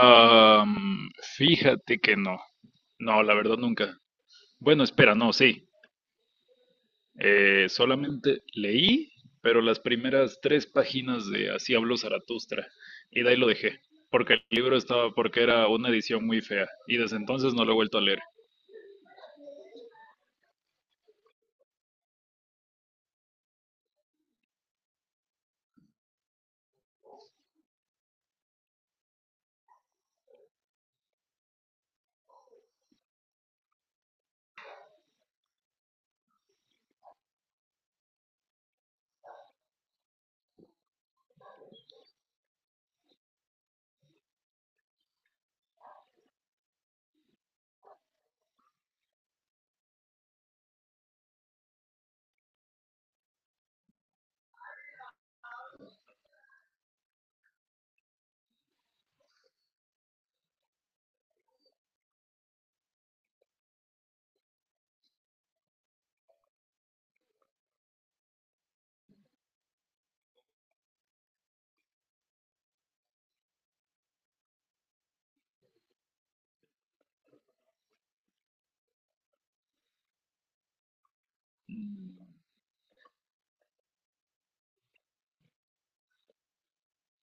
Am, Fíjate que no. No, la verdad nunca. Bueno, espera, no, sí. Solamente leí, pero las primeras tres páginas de Así habló Zaratustra. Y de ahí lo dejé. Porque el libro estaba, porque era una edición muy fea. Y desde entonces no lo he vuelto a leer.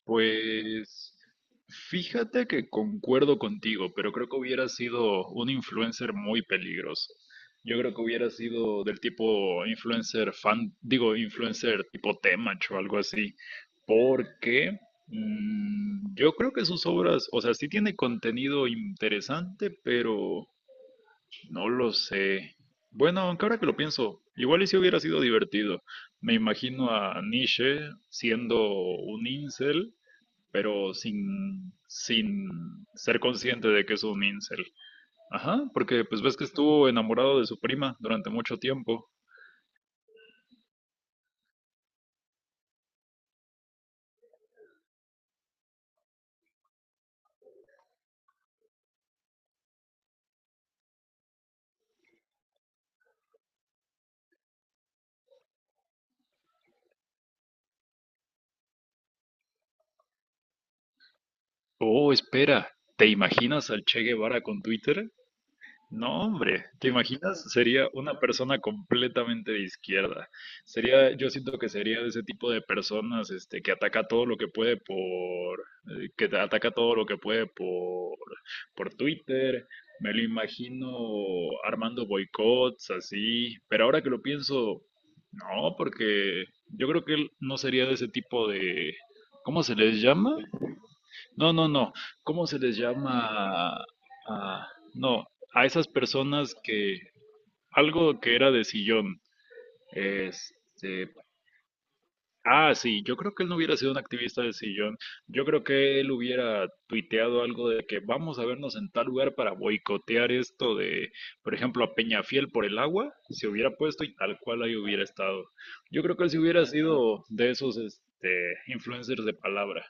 Pues fíjate que concuerdo contigo, pero creo que hubiera sido un influencer muy peligroso. Yo creo que hubiera sido del tipo influencer fan, digo, influencer tipo Temach o algo así, porque yo creo que sus obras, o sea, sí tiene contenido interesante, pero no lo sé. Bueno, aunque ahora que lo pienso, igual y si hubiera sido divertido. Me imagino a Nietzsche siendo un incel pero sin ser consciente de que es un incel. Ajá, porque pues ves que estuvo enamorado de su prima durante mucho tiempo. Oh, espera, ¿te imaginas al Che Guevara con Twitter? No, hombre, ¿te imaginas? Sería una persona completamente de izquierda. Sería, yo siento que sería de ese tipo de personas, este, que ataca todo lo que puede por, que te ataca todo lo que puede por Twitter. Me lo imagino armando boicots así. Pero ahora que lo pienso, no, porque yo creo que él no sería de ese tipo de, ¿cómo se les llama? No, no, no. ¿Cómo se les llama? a- no, a esas personas que algo que era de sillón. Este, sí, yo creo que él no hubiera sido un activista de sillón. Yo creo que él hubiera tuiteado algo de que vamos a vernos en tal lugar para boicotear esto de, por ejemplo, a Peñafiel por el agua, se hubiera puesto y tal cual ahí hubiera estado. Yo creo que él sí hubiera sido de esos, este, influencers de palabra.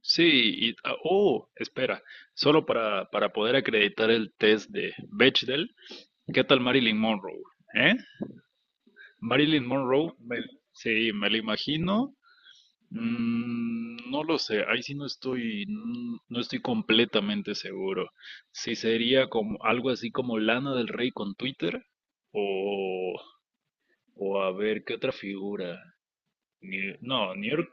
Sí, y, oh, espera, solo para poder acreditar el test de Bechdel, ¿qué tal Marilyn Monroe? ¿Eh? Marilyn Monroe, me- sí, me la imagino. Mm, no lo sé, ahí sí no estoy, no estoy completamente seguro. Si sería como algo así como Lana del Rey con Twitter, o, o a ver, ¿qué otra figura? No, New York.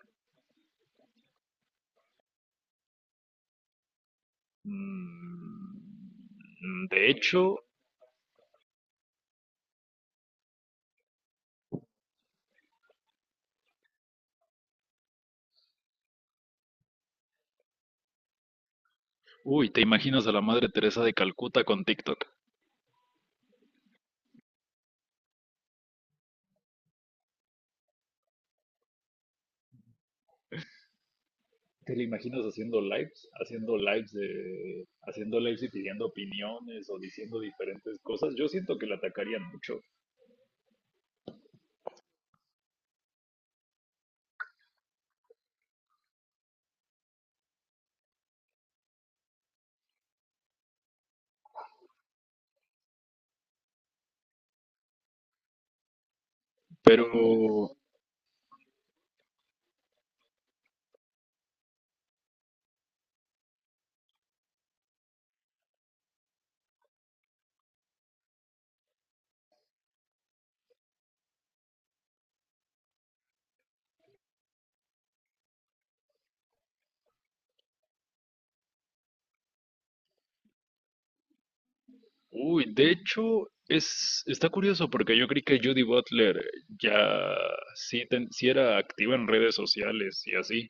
De hecho, uy, ¿te imaginas a la Madre Teresa de Calcuta con TikTok? ¿Te la imaginas haciendo lives? Haciendo lives de, haciendo lives y pidiendo opiniones o diciendo diferentes cosas. Yo siento que la atacarían mucho. Pero uy, de hecho, es, está curioso porque yo creí que Judy Butler ya sí, sí era activa en redes sociales y así,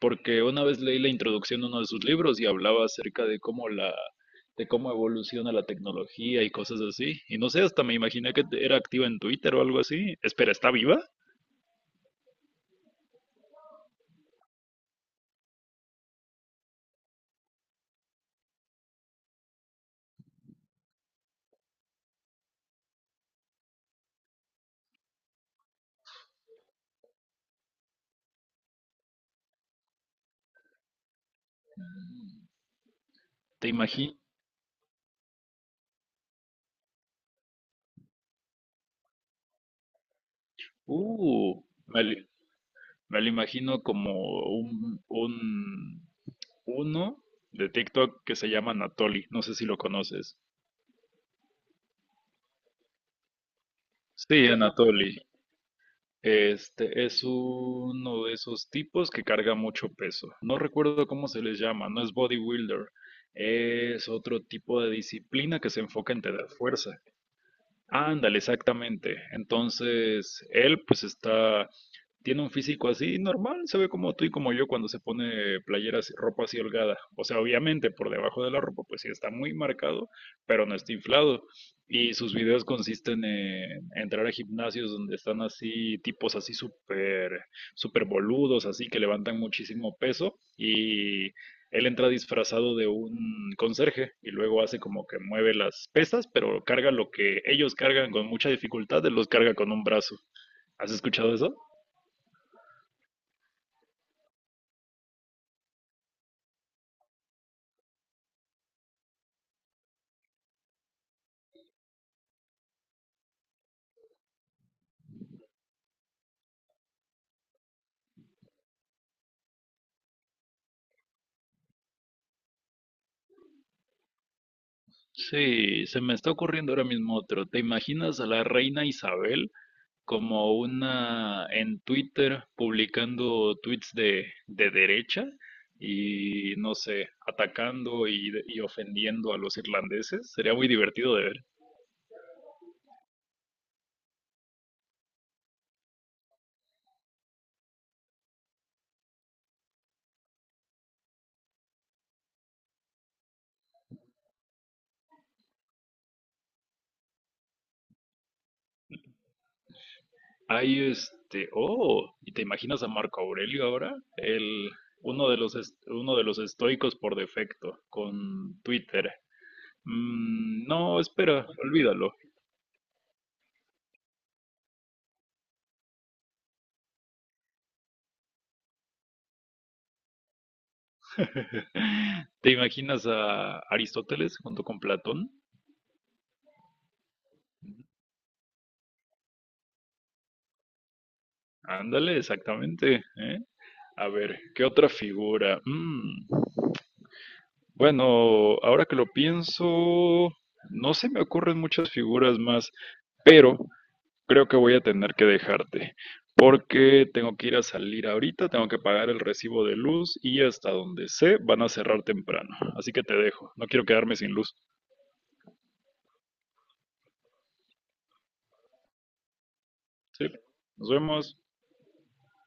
porque una vez leí la introducción de uno de sus libros y hablaba acerca de cómo la, de cómo evoluciona la tecnología y cosas así. Y no sé, hasta me imaginé que era activa en Twitter o algo así. Espera, ¿está viva? ¿Te imagino? Uh, me, li- Me lo imagino como un uno de TikTok que se llama Anatoly. No sé si lo conoces. Sí, Anatoly. Este es uno de esos tipos que carga mucho peso. No recuerdo cómo se les llama, no es bodybuilder. Es otro tipo de disciplina que se enfoca en tener fuerza. Ándale, exactamente. Entonces, él pues está, tiene un físico así normal, se ve como tú y como yo cuando se pone playeras, ropa así holgada. O sea, obviamente por debajo de la ropa pues sí está muy marcado, pero no está inflado. Y sus videos consisten en entrar a gimnasios donde están así tipos así súper, súper boludos, así que levantan muchísimo peso y él entra disfrazado de un conserje y luego hace como que mueve las pesas, pero carga lo que ellos cargan con mucha dificultad, él los carga con un brazo. ¿Has escuchado eso? Sí, se me está ocurriendo ahora mismo otro. ¿Te imaginas a la reina Isabel como una en Twitter publicando tweets de derecha y no sé, atacando y ofendiendo a los irlandeses? Sería muy divertido de ver. Hay este, oh, ¿y te imaginas a Marco Aurelio ahora? El, uno de los, uno de los estoicos por defecto, con Twitter. Mm, no, espera, olvídalo. ¿Te imaginas a Aristóteles junto con Platón? Ándale, exactamente, ¿eh? A ver, ¿qué otra figura? Mm, bueno, ahora que lo pienso, no se me ocurren muchas figuras más, pero creo que voy a tener que dejarte, porque tengo que ir a salir ahorita, tengo que pagar el recibo de luz y hasta donde sé van a cerrar temprano. Así que te dejo, no quiero quedarme sin luz. Sí, nos vemos.